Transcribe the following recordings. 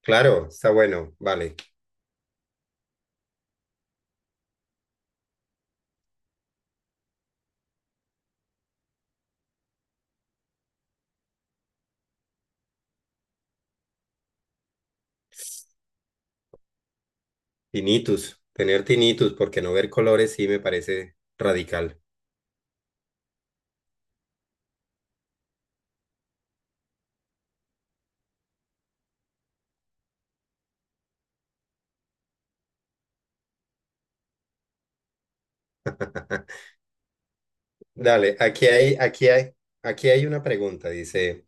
Claro, está bueno, vale. Tinnitus, tener tinnitus, porque no ver colores sí me parece radical. Dale, aquí hay una pregunta, dice,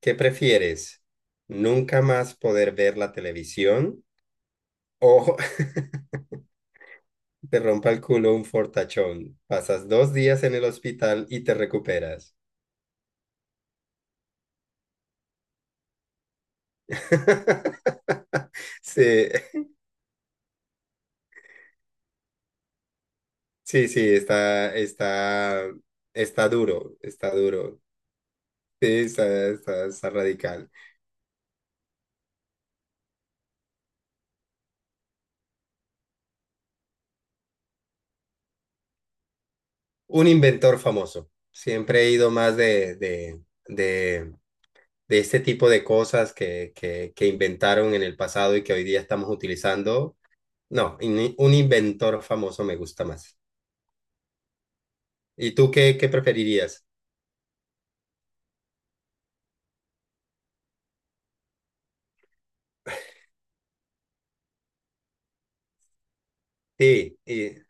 ¿qué prefieres? ¿Nunca más poder ver la televisión o te rompa el culo un fortachón? Pasas dos días en el hospital y te recuperas. Sí, sí, sí, está duro, está duro. Sí, está radical. Un inventor famoso. Siempre he ido más de, de este tipo de cosas que inventaron en el pasado y que hoy día estamos utilizando. No, un inventor famoso me gusta más. ¿Y tú qué preferirías? Sí, y-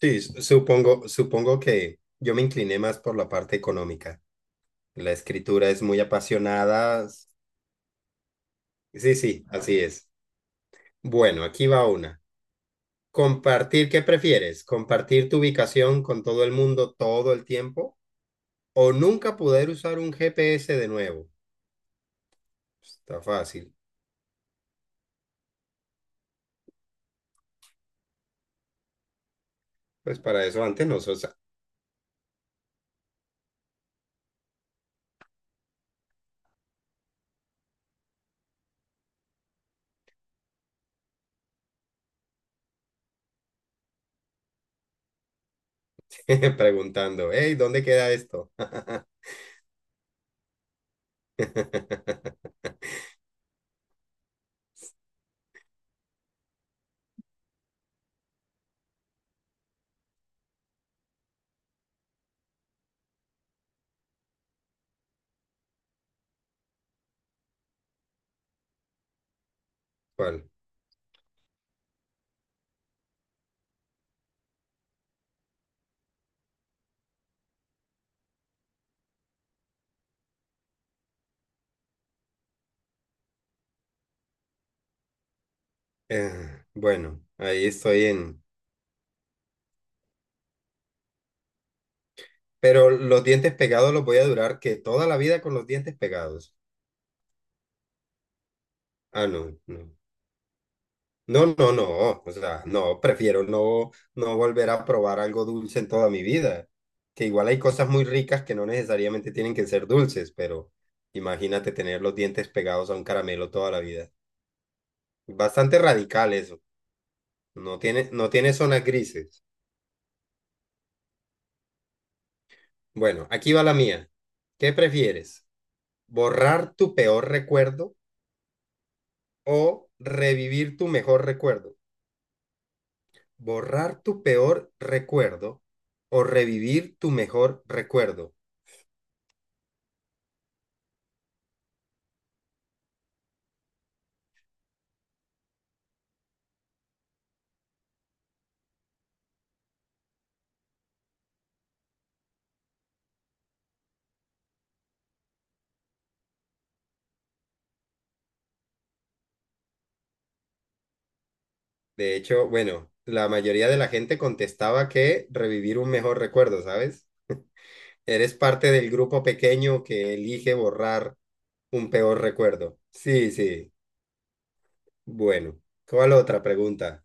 sí, supongo, supongo que yo me incliné más por la parte económica. La escritura es muy apasionada. Sí, sí, así es. Bueno, aquí va una. ¿Qué prefieres? ¿Compartir tu ubicación con todo el mundo todo el tiempo? ¿O nunca poder usar un GPS de nuevo? Está fácil. Pues para eso antes nosotros preguntando, hey, ¿dónde queda esto? ¿Cuál? Bueno, ahí estoy en... Pero los dientes pegados los voy a durar que toda la vida con los dientes pegados. Ah, no, no. No, no, no, o sea, no, prefiero no, no volver a probar algo dulce en toda mi vida, que igual hay cosas muy ricas que no necesariamente tienen que ser dulces, pero imagínate tener los dientes pegados a un caramelo toda la vida. Bastante radical eso, no tiene, no tiene zonas grises. Bueno, aquí va la mía. ¿Qué prefieres? ¿Borrar tu peor recuerdo o revivir tu mejor recuerdo? ¿Borrar tu peor recuerdo o revivir tu mejor recuerdo? De hecho, bueno, la mayoría de la gente contestaba que revivir un mejor recuerdo, ¿sabes? Eres parte del grupo pequeño que elige borrar un peor recuerdo. Sí, sí. Bueno, ¿cuál otra pregunta?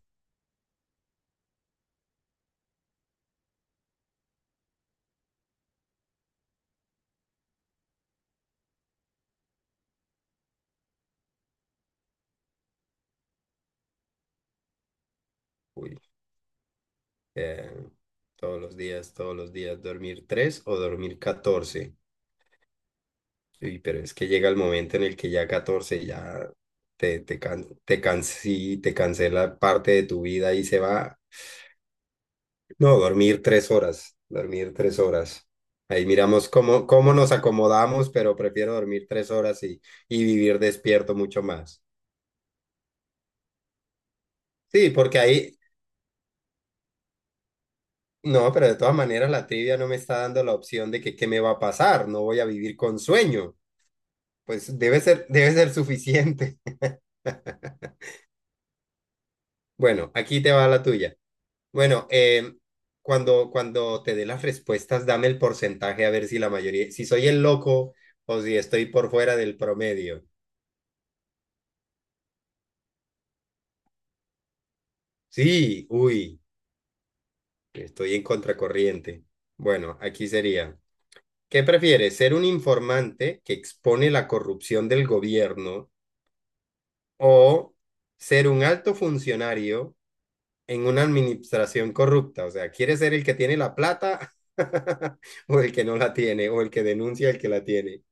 Uy, eh, todos los días, ¿dormir tres o dormir catorce? Uy, pero es que llega el momento en el que ya 14 ya sí, te cancela parte de tu vida y se va. No, dormir tres horas, dormir tres horas. Ahí miramos cómo, cómo nos acomodamos, pero prefiero dormir tres horas y vivir despierto mucho más. Sí, porque ahí, no, pero de todas maneras la trivia no me está dando la opción de que qué me va a pasar, no voy a vivir con sueño. Pues debe ser, debe ser suficiente. Bueno, aquí te va la tuya. Bueno, cuando te dé las respuestas, dame el porcentaje a ver si la mayoría, si soy el loco o si estoy por fuera del promedio. Sí, uy, estoy en contracorriente. Bueno, aquí sería, ¿qué prefieres? ¿Ser un informante que expone la corrupción del gobierno o ser un alto funcionario en una administración corrupta? O sea, ¿quieres ser el que tiene la plata o el que no la tiene o el que denuncia el que la tiene?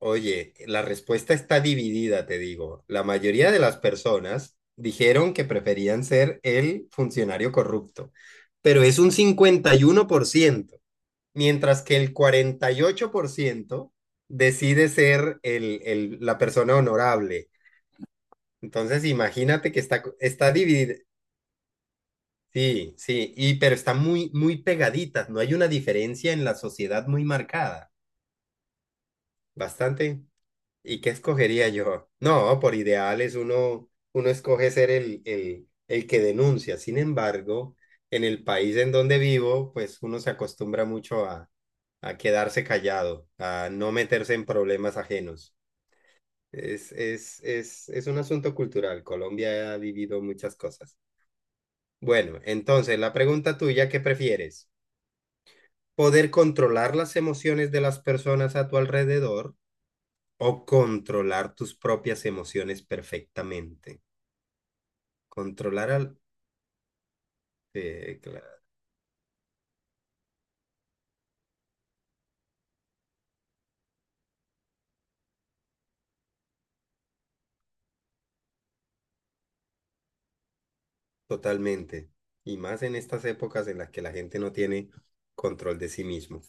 Oye, la respuesta está dividida, te digo. La mayoría de las personas dijeron que preferían ser el funcionario corrupto, pero es un 51%, mientras que el 48% decide ser la persona honorable. Entonces, imagínate que está, está dividida. Sí, sí, y, pero está muy, muy pegaditas. No hay una diferencia en la sociedad muy marcada. Bastante. ¿Y qué escogería yo? No, por ideales uno, uno escoge ser el que denuncia. Sin embargo, en el país en donde vivo, pues uno se acostumbra mucho a quedarse callado, a no meterse en problemas ajenos. Es un asunto cultural. Colombia ha vivido muchas cosas. Bueno, entonces la pregunta tuya, ¿qué prefieres? ¿Poder controlar las emociones de las personas a tu alrededor? O controlar tus propias emociones perfectamente. Controlar al, eh, cla- totalmente. Y más en estas épocas en las que la gente no tiene control de sí mismo.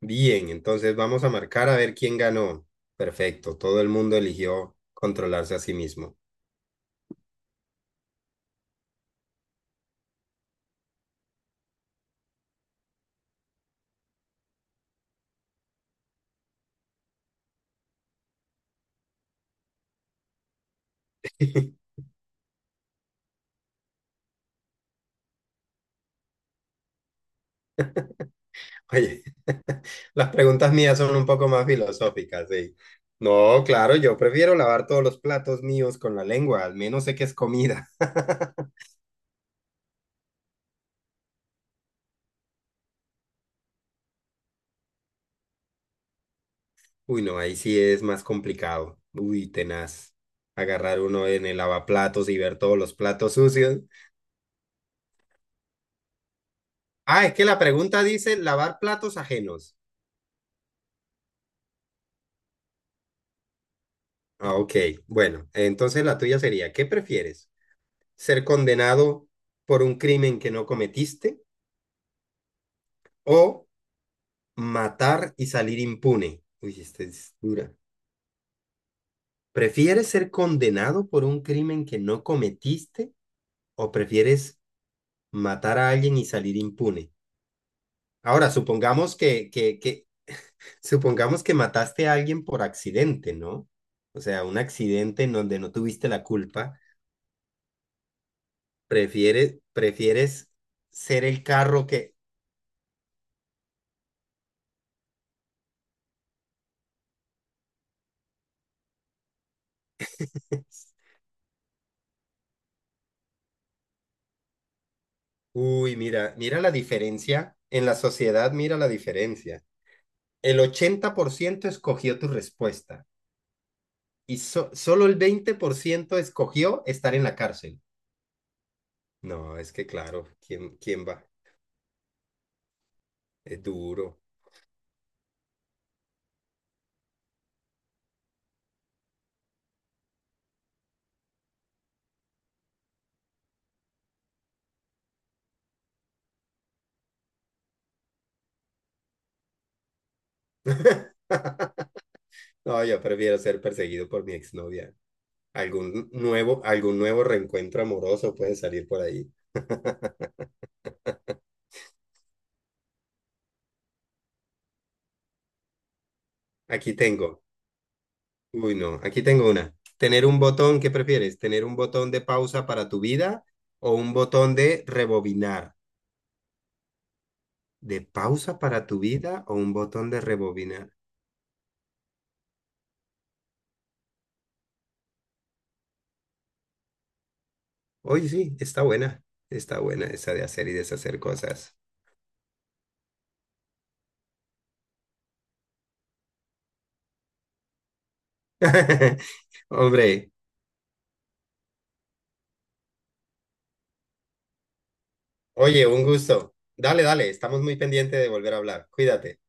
Bien, entonces vamos a marcar a ver quién ganó. Perfecto, todo el mundo eligió controlarse a sí mismo. Oye, las preguntas mías son un poco más filosóficas, sí. No, claro, yo prefiero lavar todos los platos míos con la lengua, al menos sé que es comida. Uy, no, ahí sí es más complicado. Uy, tenaz. Agarrar uno en el lavaplatos y ver todos los platos sucios. Ah, es que la pregunta dice lavar platos ajenos. Ah, ok. Bueno, entonces la tuya sería, ¿qué prefieres? ¿Ser condenado por un crimen que no cometiste o matar y salir impune? Uy, esta es dura. ¿Prefieres ser condenado por un crimen que no cometiste o prefieres matar a alguien y salir impune? Ahora, supongamos que Supongamos que mataste a alguien por accidente, ¿no? O sea, un accidente en donde no tuviste la culpa, prefieres, prefieres ser el carro que... Uy, mira, mira la diferencia. En la sociedad, mira la diferencia. El 80% escogió tu respuesta y solo el 20% escogió estar en la cárcel. No, es que claro, ¿quién, quién va? Es duro. No, yo prefiero ser perseguido por mi exnovia. Algún nuevo reencuentro amoroso puede salir por ahí. Aquí tengo. Uy, no, aquí tengo una. ¿Qué prefieres? ¿Tener un botón de pausa para tu vida o un botón de rebobinar? ¿De pausa para tu vida o un botón de rebobinar? Oye, sí, está buena. Está buena esa de hacer y deshacer cosas. Hombre, oye, un gusto. Dale, dale, estamos muy pendientes de volver a hablar. Cuídate.